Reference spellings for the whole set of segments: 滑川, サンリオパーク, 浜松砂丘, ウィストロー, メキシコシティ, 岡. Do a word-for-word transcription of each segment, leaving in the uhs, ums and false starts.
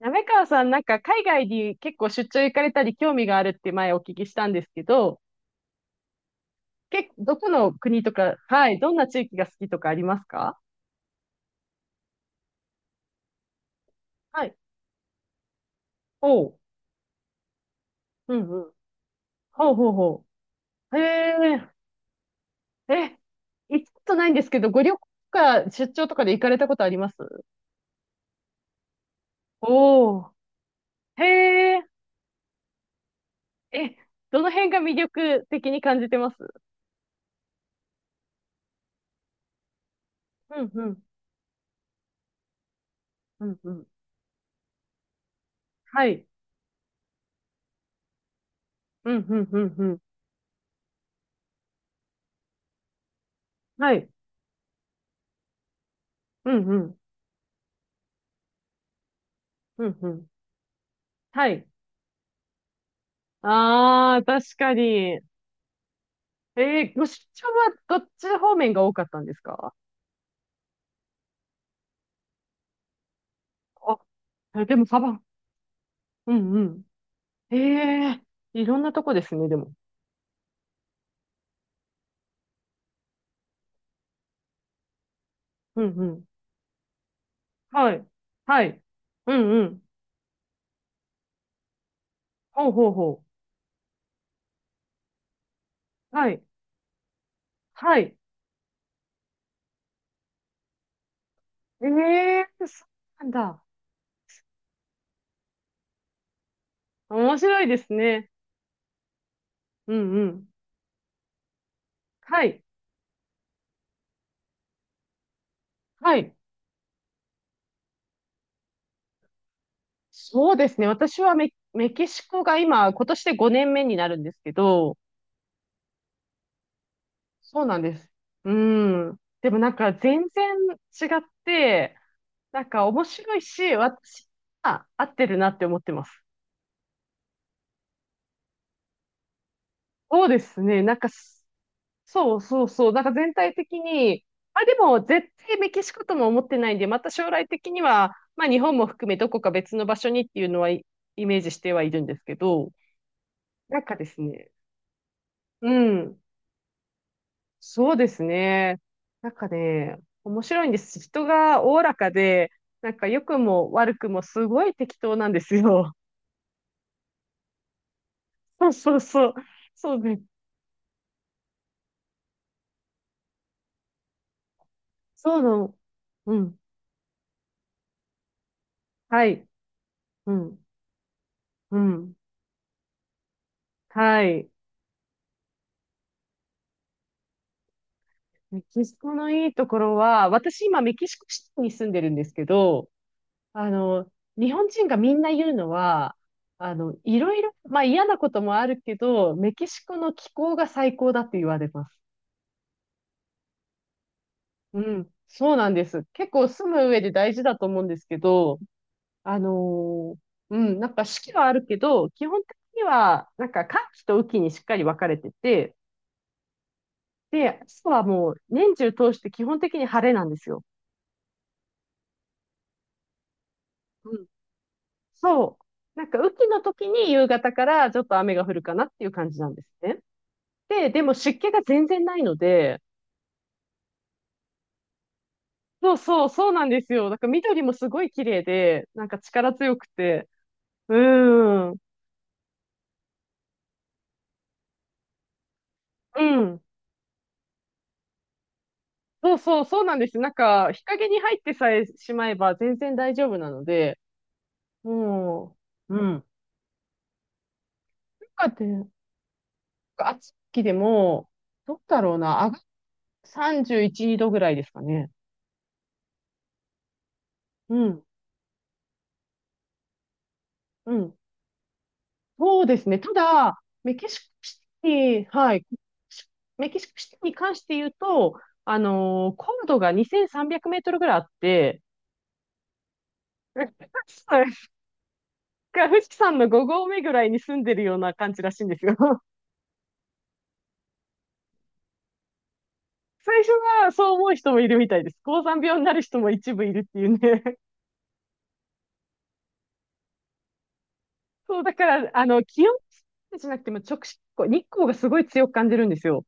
滑川さん、なんか海外に結構出張行かれたり興味があるって前お聞きしたんですけど、け、どこの国とか、はい、どんな地域が好きとかありますか？はい。ほう。うんうん。ほうほうほう。へえ、え、行ったことないんですけど、ご旅行とか出張とかで行かれたことあります？おおー、へえ、え、どの辺が魅力的に感じてます？うんうん、うんうん。はい。うんうん、うんうん。はい。うんうん、うんうん。はい。ああ、確かに。えー、ご出張はどっち方面が多かったんですか？あ、えでもサバン。うんうん。ええー、いろんなとこですね、でも。うんうん。はい。はい。うんうん。ほうほうほう。はい。はい。ええー、そうなんだ。面白いですね。うんうん。はい。はい。そうですね。私はメ、メキシコが今、今年でごねんめになるんですけど、そうなんです。うん。でもなんか全然違って、なんか面白いし、私は合ってるなって思ってます。そうですね。なんかす、そうそうそう。なんか全体的に、あ、でも絶対メキシコとも思ってないんで、また将来的には、まあ日本も含めどこか別の場所にっていうのはイイメージしてはいるんですけど、なんかですね。うん。そうですね。なんかね、面白いんです。人がおおらかで、なんか良くも悪くもすごい適当なんですよ。そうそうそう。そうね。そうなの。うん。はい。うん。うん。はい。メキシコのいいところは、私今メキシコシティに住んでるんですけど、あの、日本人がみんな言うのは、あの、いろいろ、まあ嫌なこともあるけど、メキシコの気候が最高だって言われます。うん、そうなんです。結構住む上で大事だと思うんですけど、あのーうん、なんか四季はあるけど、基本的には、なんか寒気と雨季にしっかり分かれてて、で、朝はもう年中通して基本的に晴れなんですよ。うん。そう。なんか雨季の時に夕方からちょっと雨が降るかなっていう感じなんですね。で、でも湿気が全然ないので、そうそう、そうなんですよ。なんか緑もすごい綺麗で、なんか力強くて、うーん、うん。そうそう、そうなんです。なんか、日陰に入ってさえしまえば全然大丈夫なので、もう、うん。なんかで、暑きでも、どうだろうな、あがさんじゅういちどぐらいですかね。うん、うん。そうですね。ただ、メキシコシティ、はい。メキシコシティに関して言うと、あのー高度がにせんさんびゃくメートルぐらいあって、そうです、富士山のご合目ぐらいに住んでるような感じらしいんですよ。最初はそう思う人もいるみたいです。高山病になる人も一部いるっていうね。そう、だから、あの、気温じゃなくても直視、こう日光がすごい強く感じるんですよ。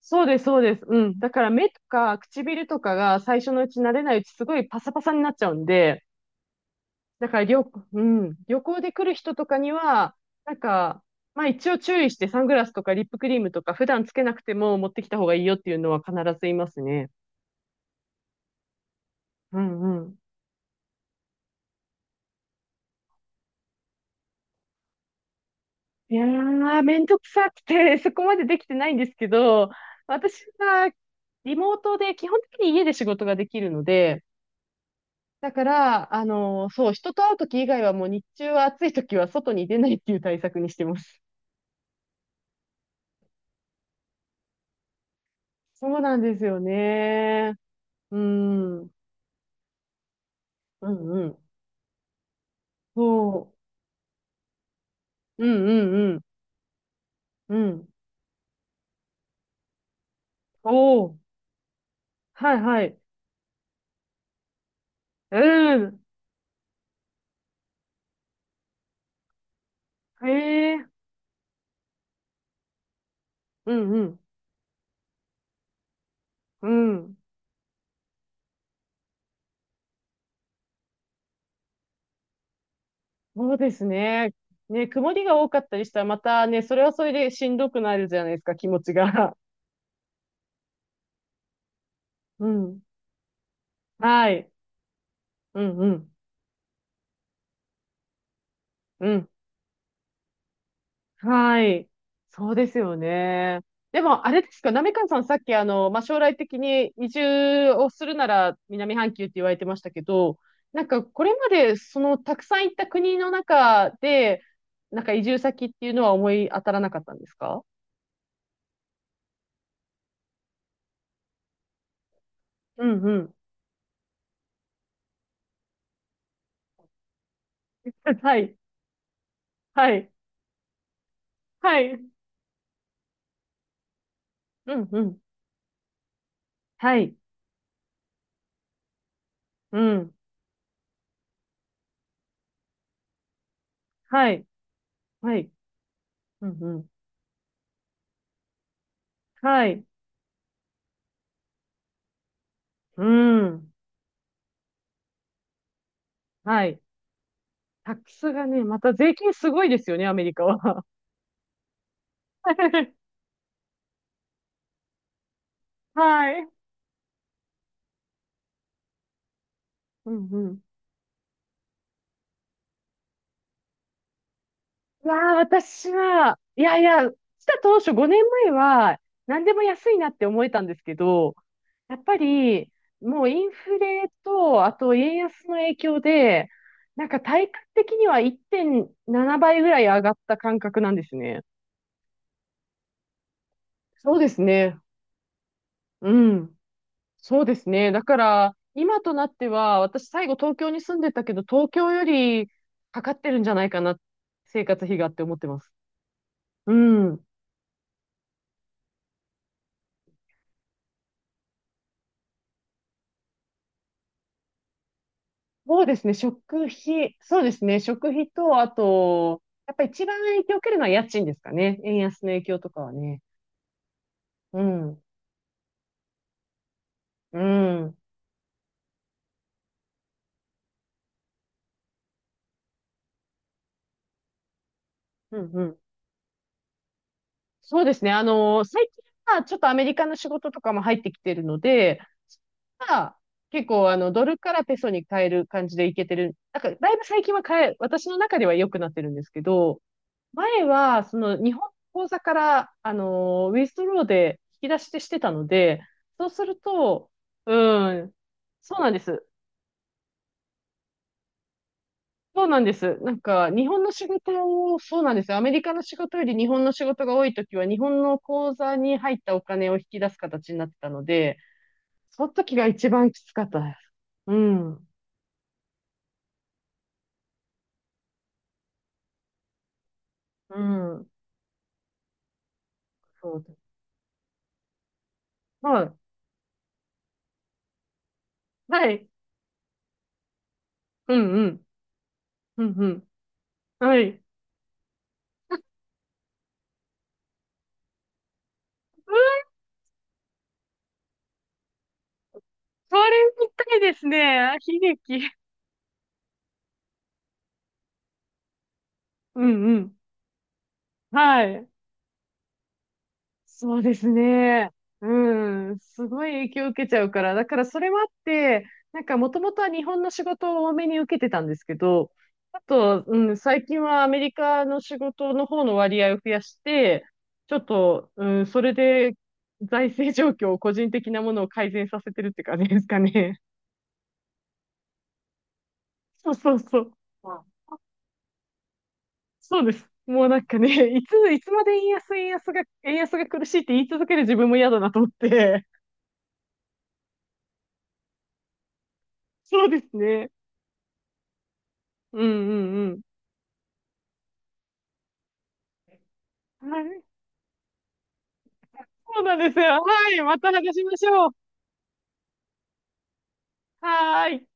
そうです、そうです。うん。だから目とか唇とかが最初のうち慣れないうちすごいパサパサになっちゃうんで、だから旅、うん、旅行で来る人とかには、なんか、まあ一応注意してサングラスとかリップクリームとか普段つけなくても持ってきた方がいいよっていうのは必ずいますね。うんうん。いやー、めんどくさくて、そこまでできてないんですけど、私はリモートで基本的に家で仕事ができるので、だから、あのーそう、人と会うとき以外はもう日中は暑いときは外に出ないっていう対策にしてます。そうなんですよね。うん、うん、うん。そう。うん、うん、うん。うん。おー、はい、はい。うん。へえ、うん、うん、うん。そうですね。ね、曇りが多かったりしたら、またね、それはそれでしんどくなるじゃないですか、気持ちが。うん。はい。うん、うん。うん。はい。そうですよね。でも、あれですか、なめかんさん、さっき、あの、まあ、将来的に移住をするなら南半球って言われてましたけど、なんか、これまで、その、たくさん行った国の中で、なんか移住先っていうのは思い当たらなかったんですか？うん、うん。はい。はい。はい。うん、うん。はい。うん。はい。はい。うん、うん。はい。うん。はい。タックスがね、また税金すごいですよね、アメリカは。はい。うんうん。いやー、私は、いやいや、来た当初ごねんまえは、何でも安いなって思えたんですけど、やっぱり、もうインフレと、あと円安の影響で、なんか体感的にはいってんななばいぐらい上がった感覚なんですね。そうですね。うん。そうですね。だから、今となっては、私最後東京に住んでたけど、東京よりかかってるんじゃないかな、生活費がって思ってます。うん。そうですね。食費、そうですね。食費と、あと、やっぱ一番影響を受けるのは家賃ですかね。円安の影響とかはね。うん。うん。うん、うん、そうですね。あの、最近はちょっとアメリカの仕事とかも入ってきてるので、まあ、結構あの、ドルからペソに変える感じでいけてる。なんか、だいぶ最近は変え、私の中では良くなってるんですけど、前は、その、日本の口座から、あの、ウィストローで引き出してしてたので、そうすると、うん、そうなんです。そうなんです。なんか、日本の仕事を、そうなんです、アメリカの仕事より日本の仕事が多いときは、日本の口座に入ったお金を引き出す形になってたので、その時が一番きつかったです。うん。うん。そうです。はい。はい。うんうん。うんうん。はい。うわ、それみたいですね。あ、悲劇。うんうん。はい。そうですね。うん。すごい影響を受けちゃうから。だからそれもあって、なんかもともとは日本の仕事を多めに受けてたんですけど、あと、うん、最近はアメリカの仕事の方の割合を増やして、ちょっと、うん、それで財政状況を個人的なものを改善させてるって感じですかね。そうそうそう。そうです。もうなんかね、いつ、いつまで円安、円安が、円安が苦しいって言い続ける自分も嫌だなと思って。そうですね。うんうんうん。はい。そうなんですよ。はい。また話しましょう。はーい。